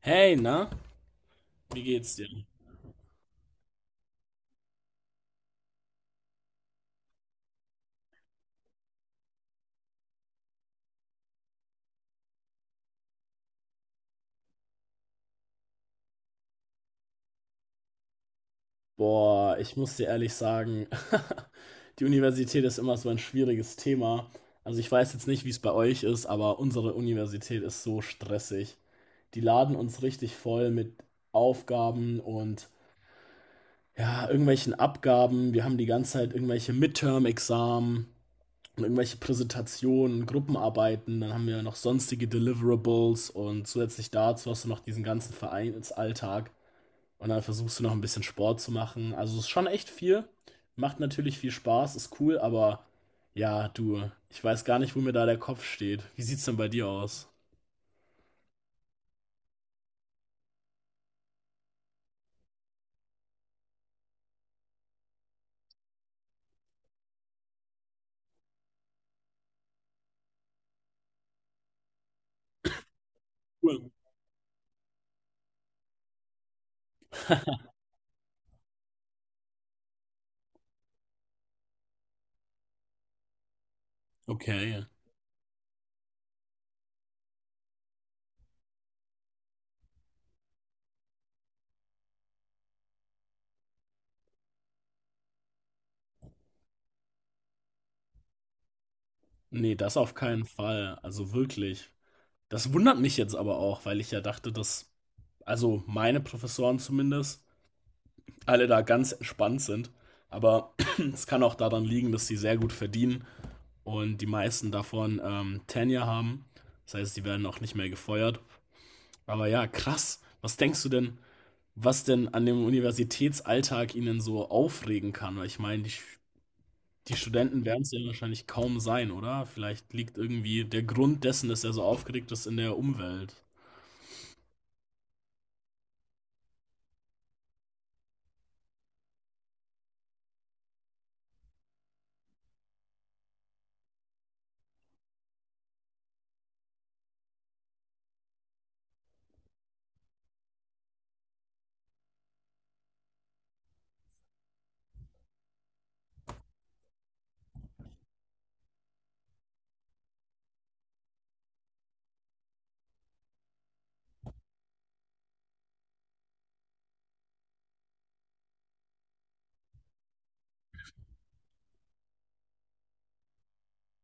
Hey, na? Wie geht's dir? Boah, ich muss dir ehrlich sagen, die Universität ist immer so ein schwieriges Thema. Also ich weiß jetzt nicht, wie es bei euch ist, aber unsere Universität ist so stressig. Die laden uns richtig voll mit Aufgaben und ja, irgendwelchen Abgaben. Wir haben die ganze Zeit irgendwelche Midterm-Examen und irgendwelche Präsentationen, Gruppenarbeiten. Dann haben wir noch sonstige Deliverables und zusätzlich dazu hast du noch diesen ganzen Vereinsalltag. Und dann versuchst du noch ein bisschen Sport zu machen. Also es ist schon echt viel. Macht natürlich viel Spaß, ist cool, aber ja, du, ich weiß gar nicht, wo mir da der Kopf steht. Wie sieht's denn bei dir aus? Cool. Okay. Nee, das auf keinen Fall. Also wirklich. Das wundert mich jetzt aber auch, weil ich ja dachte, dass, also meine Professoren zumindest, alle da ganz entspannt sind. Aber es kann auch daran liegen, dass sie sehr gut verdienen und die meisten davon Tenure haben. Das heißt, die werden auch nicht mehr gefeuert. Aber ja, krass. Was denkst du denn, was denn an dem Universitätsalltag ihnen so aufregen kann? Weil ich meine, die, die Studenten werden es ja wahrscheinlich kaum sein, oder? Vielleicht liegt irgendwie der Grund dessen, dass er so aufgeregt ist, in der Umwelt.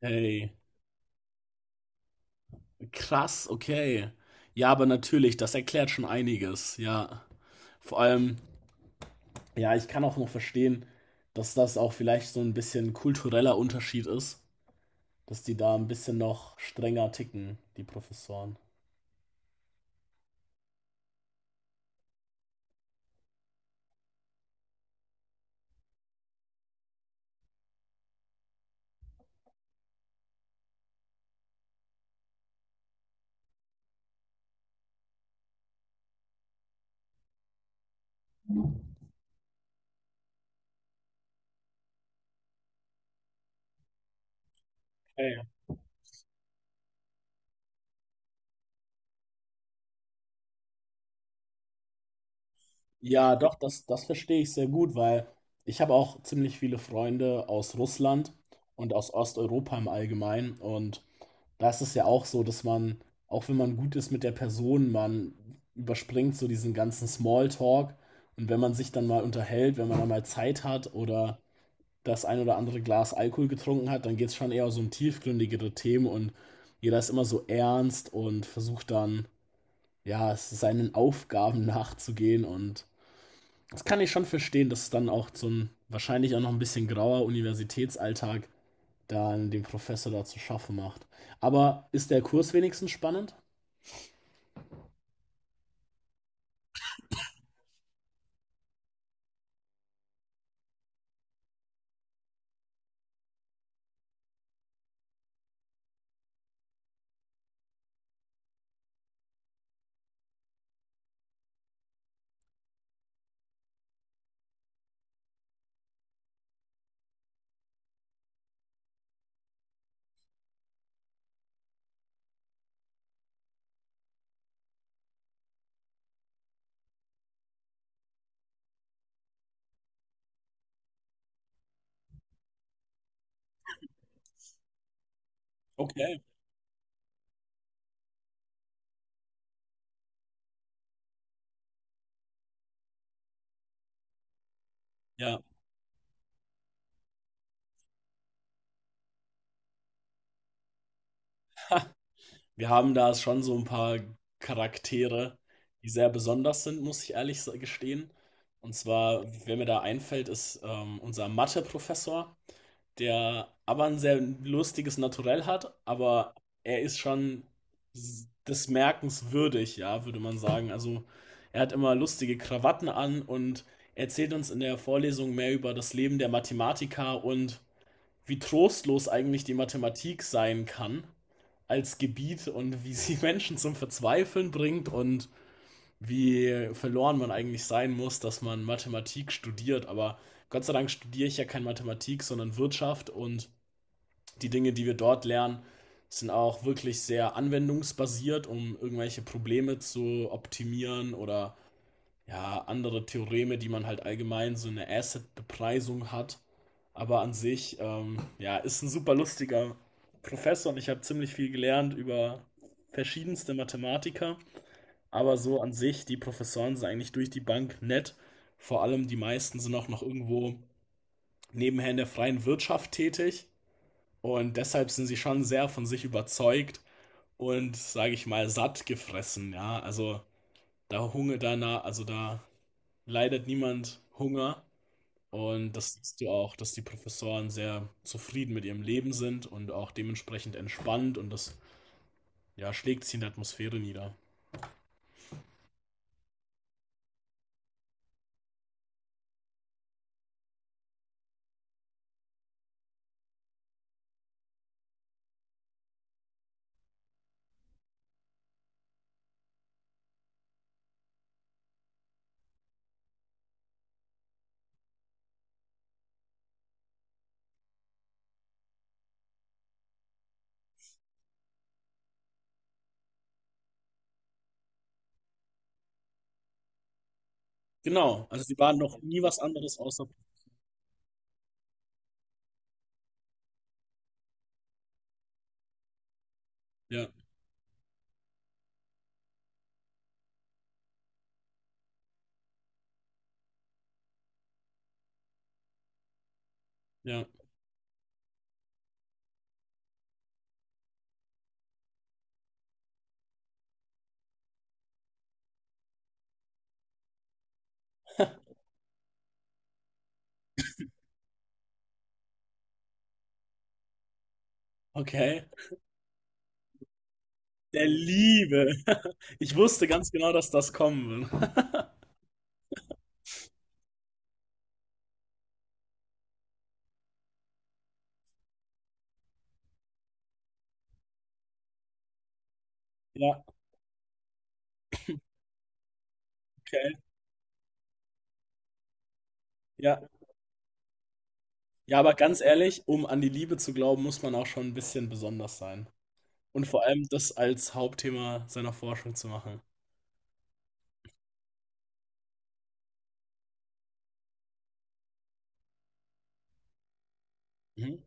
Hey, krass, okay. Ja, aber natürlich, das erklärt schon einiges, ja. Vor allem, ja, ich kann auch noch verstehen, dass das auch vielleicht so ein bisschen kultureller Unterschied ist, dass die da ein bisschen noch strenger ticken, die Professoren. Ja, doch, das verstehe ich sehr gut, weil ich habe auch ziemlich viele Freunde aus Russland und aus Osteuropa im Allgemeinen. Und da ist es ja auch so, dass man, auch wenn man gut ist mit der Person, man überspringt so diesen ganzen Smalltalk. Und wenn man sich dann mal unterhält, wenn man dann mal Zeit hat oder das ein oder andere Glas Alkohol getrunken hat, dann geht es schon eher so um tiefgründigere Themen und jeder ist immer so ernst und versucht dann, ja, seinen Aufgaben nachzugehen und das kann ich schon verstehen, dass es dann auch zum wahrscheinlich auch noch ein bisschen grauer Universitätsalltag dann dem Professor da zu schaffen macht. Aber ist der Kurs wenigstens spannend? Okay, ja. Wir haben da schon so ein paar Charaktere, die sehr besonders sind, muss ich ehrlich gestehen. Und zwar, wer mir da einfällt, ist unser Mathe-Professor, der aber ein sehr lustiges Naturell hat, aber er ist schon des Merkens würdig, ja, würde man sagen. Also er hat immer lustige Krawatten an und erzählt uns in der Vorlesung mehr über das Leben der Mathematiker und wie trostlos eigentlich die Mathematik sein kann als Gebiet und wie sie Menschen zum Verzweifeln bringt und wie verloren man eigentlich sein muss, dass man Mathematik studiert. Aber Gott sei Dank studiere ich ja kein Mathematik, sondern Wirtschaft und die Dinge, die wir dort lernen, sind auch wirklich sehr anwendungsbasiert, um irgendwelche Probleme zu optimieren oder ja, andere Theoreme, die man halt allgemein so eine Asset-Bepreisung hat. Aber an sich, ja, ist ein super lustiger Professor und ich habe ziemlich viel gelernt über verschiedenste Mathematiker. Aber so an sich, die Professoren sind eigentlich durch die Bank nett. Vor allem die meisten sind auch noch irgendwo nebenher in der freien Wirtschaft tätig. Und deshalb sind sie schon sehr von sich überzeugt und, sage ich mal, satt gefressen, ja. Also da Hunger danach, also da leidet niemand Hunger. Und das siehst du auch, dass die Professoren sehr zufrieden mit ihrem Leben sind und auch dementsprechend entspannt und das ja, schlägt sich in der Atmosphäre nieder. Genau, also sie waren noch nie was anderes außer. Ja, ja. Okay. Der Liebe. Ich wusste ganz genau, dass das kommen wird. Ja, okay. Ja, ja, aber ganz ehrlich, um an die Liebe zu glauben, muss man auch schon ein bisschen besonders sein. Und vor allem das als Hauptthema seiner Forschung zu machen. Mhm.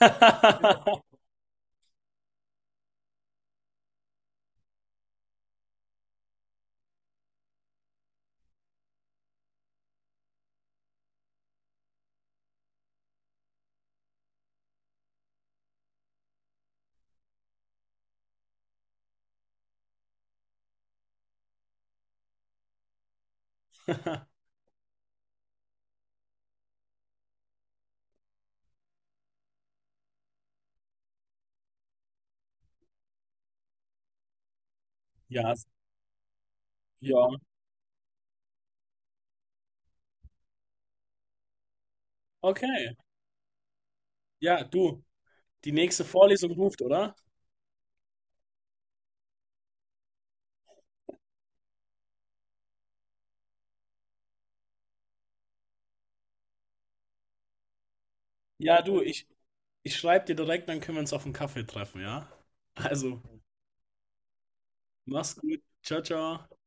Ja, ja, okay. Ja, du, die nächste Vorlesung ruft, oder? Ja, du, ich schreibe dir direkt, dann können wir uns auf einen Kaffee treffen, ja? Also, mach's gut. Ciao, ciao.